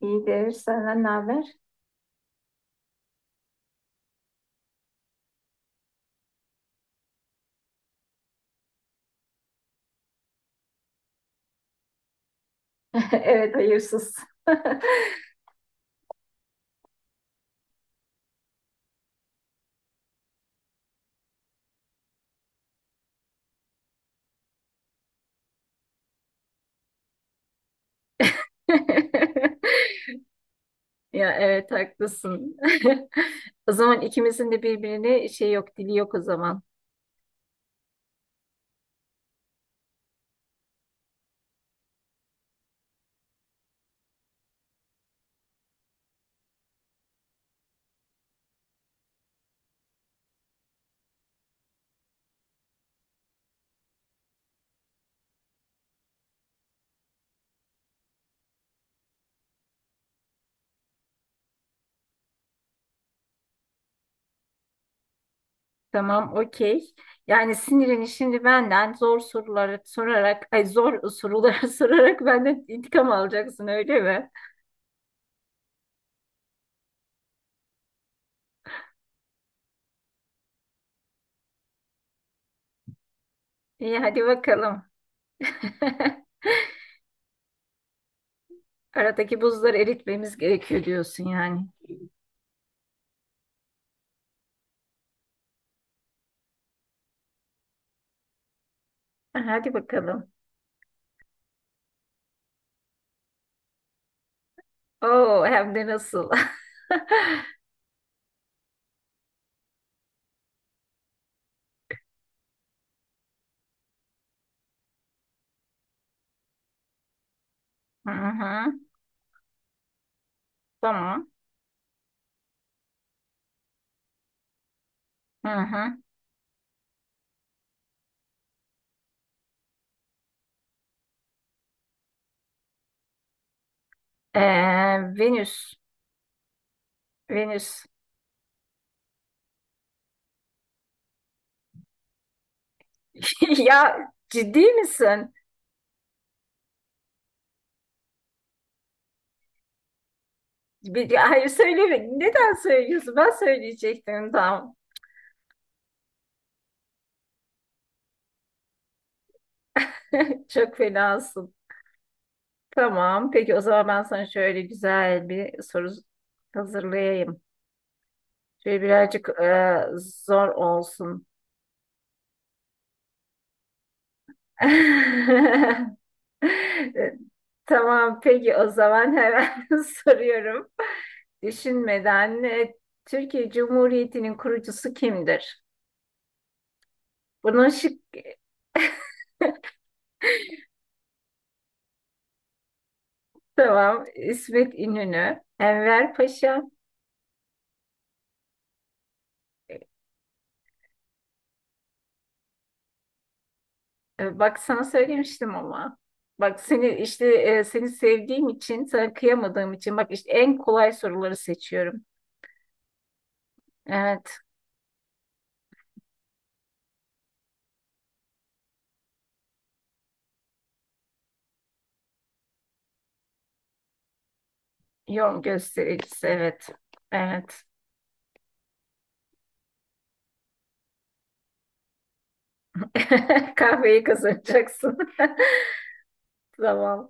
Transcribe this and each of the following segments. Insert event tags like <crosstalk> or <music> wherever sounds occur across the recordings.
İyidir. Senden ne haber? <laughs> Evet, hayırsız. <laughs> Ya evet haklısın. <laughs> O zaman ikimizin de birbirine şey yok, dili yok o zaman. Tamam, okey. Yani sinirini şimdi benden zor soruları sorarak, ay zor soruları <laughs> sorarak benden intikam alacaksın öyle mi? İyi hadi bakalım. <laughs> Aradaki buzları eritmemiz gerekiyor diyorsun yani. Hadi bakalım. Oo hem de nasıl? <laughs> Hı hı. Tamam. Hı hı. Ee, Venüs. Venüs. <laughs> Ya ciddi misin? Bir, ya hayır söyleme. Neden söylüyorsun? Ben söyleyecektim tam. <laughs> Çok fenasın. Tamam. Peki o zaman ben sana şöyle güzel bir soru hazırlayayım. Şöyle birazcık zor olsun. <laughs> Tamam. Peki o zaman hemen <laughs> soruyorum. Düşünmeden Türkiye Cumhuriyeti'nin kurucusu kimdir? Bunun şık devam. İsmet İnönü, Enver Paşa. Bak sana söylemiştim ama. Bak seni işte seni sevdiğim için, sana kıyamadığım için. Bak işte en kolay soruları seçiyorum. Evet. Yol göstericisi. Evet. Evet. <laughs> Kahveyi kazanacaksın. <laughs> Tamam.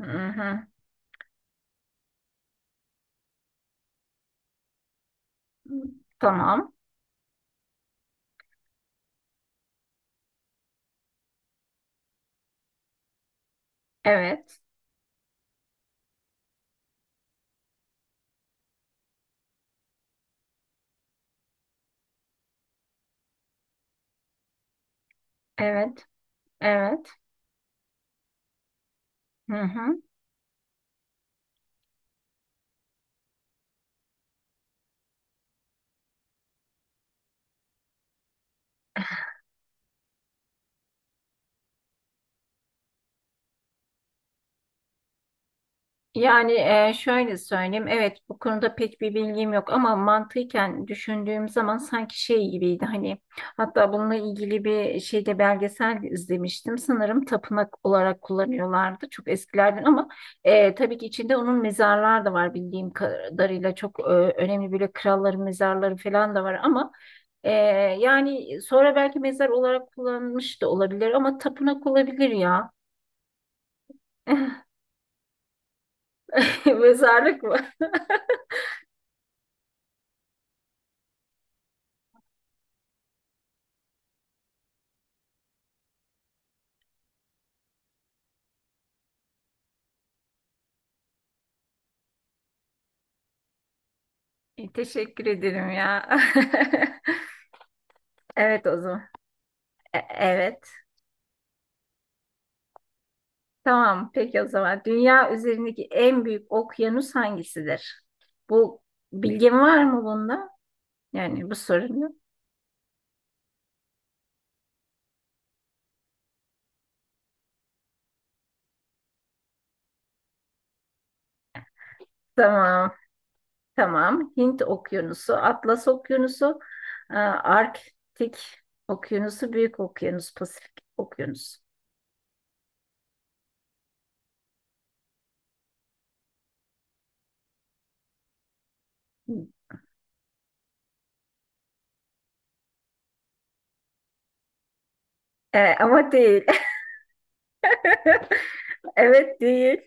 Hı hı. Tamam. Evet. Evet. Evet. Hı hı. Yani şöyle söyleyeyim, evet bu konuda pek bir bilgim yok ama mantıken düşündüğüm zaman sanki şey gibiydi hani hatta bununla ilgili bir şeyde belgesel izlemiştim sanırım tapınak olarak kullanıyorlardı çok eskilerden ama tabii ki içinde onun mezarlar da var bildiğim kadarıyla çok önemli böyle kralların mezarları falan da var ama e, yani sonra belki mezar olarak kullanılmış da olabilir ama tapınak olabilir ya <laughs> mezarlık İyi, teşekkür ederim ya. <laughs> Evet o zaman. E- evet. Tamam. Peki o zaman. Dünya üzerindeki en büyük okyanus hangisidir? Bu bilgin var mı bunda? Yani bu sorunun. Tamam. Tamam. Hint Okyanusu, Atlas Okyanusu, Arktik Okyanusu, Büyük Okyanus, Pasifik Okyanusu. Ama değil. <laughs> Evet değil.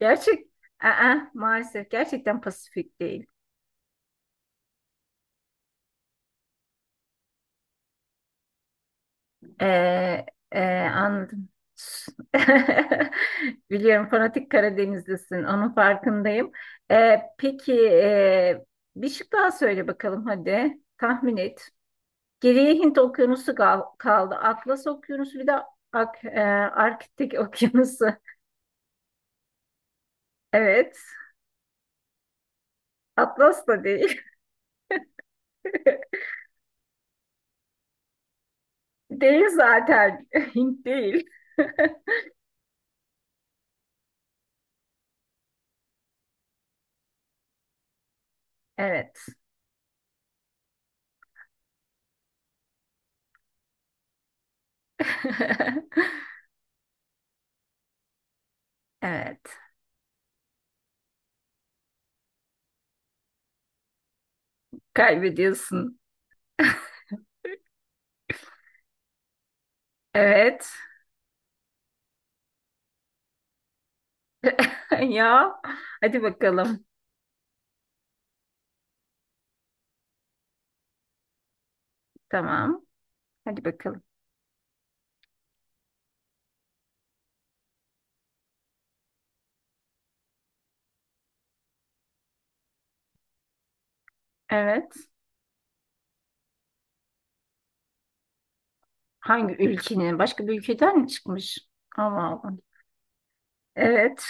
Gerçek. Aa, maalesef gerçekten Pasifik değil. Ee, Anladım. <laughs> Biliyorum fanatik Karadenizlisin. Onun farkındayım. Peki bir şık daha söyle bakalım hadi. Tahmin et. Geriye Hint Okyanusu kal- kaldı. Atlas Okyanusu bir de Ak Arktik Okyanusu. <laughs> Evet. Atlas da değil. <laughs> Değil zaten. <laughs> Hint değil. Evet. <laughs> Evet. Kaybediyorsun. Evet. <laughs> Ya. Hadi bakalım. Tamam. Hadi bakalım. Evet. Hangi ülkenin? Başka bir ülkeden mi çıkmış? Ama Allah'ım. Evet.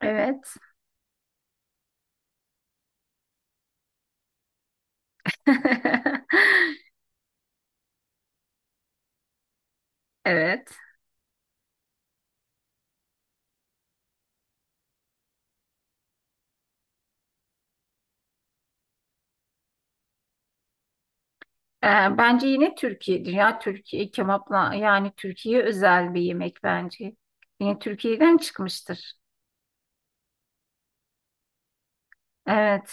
Evet. <laughs> Evet. Ee, Bence yine Türkiye. Dünya Türkiye kebapla yani Türkiye özel bir yemek bence. Yine Türkiye'den çıkmıştır. Evet.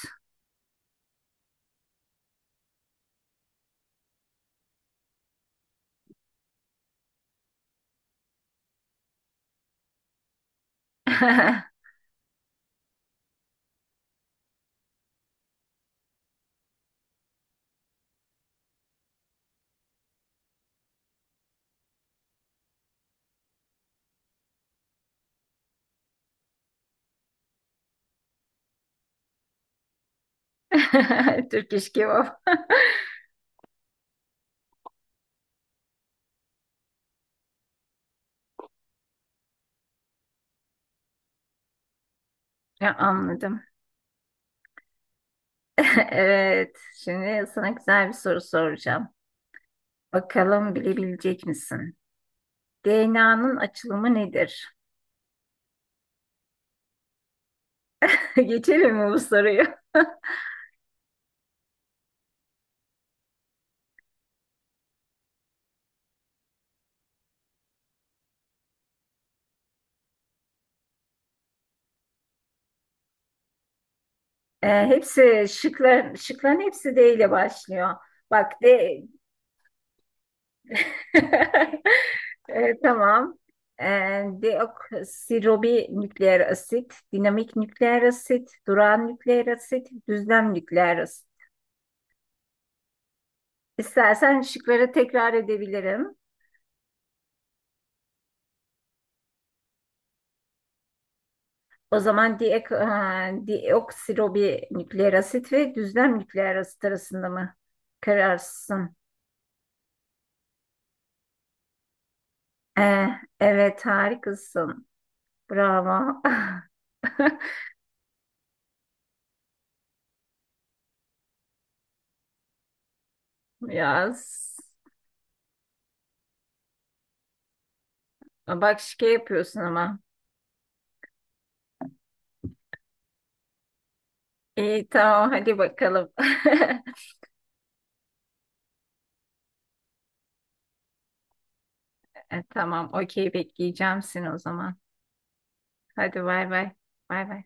<laughs> Türk iş kebap. Ya, anladım. <laughs> Evet. Şimdi sana güzel bir soru soracağım. Bakalım bilebilecek misin? DNA'nın açılımı nedir? <laughs> Geçelim mi bu soruyu? <laughs> Hepsi şıkların, şıkların hepsi D ile başlıyor. Bak D. <laughs> Tamam. E, Deoksiribonükleer asit, dinamik nükleer asit, durağan nükleer asit, düzlem nükleer asit. İstersen şıkları tekrar edebilirim. O zaman diek, asit ve düzlem nükleer asit arasında mı kararsın? Eh, evet harikasın. Bravo. <laughs> Yaz. Bak şike yapıyorsun ama. İyi tamam hadi bakalım. <laughs> Tamam okey bekleyeceğim seni o zaman. Hadi bay bay. Bay bay.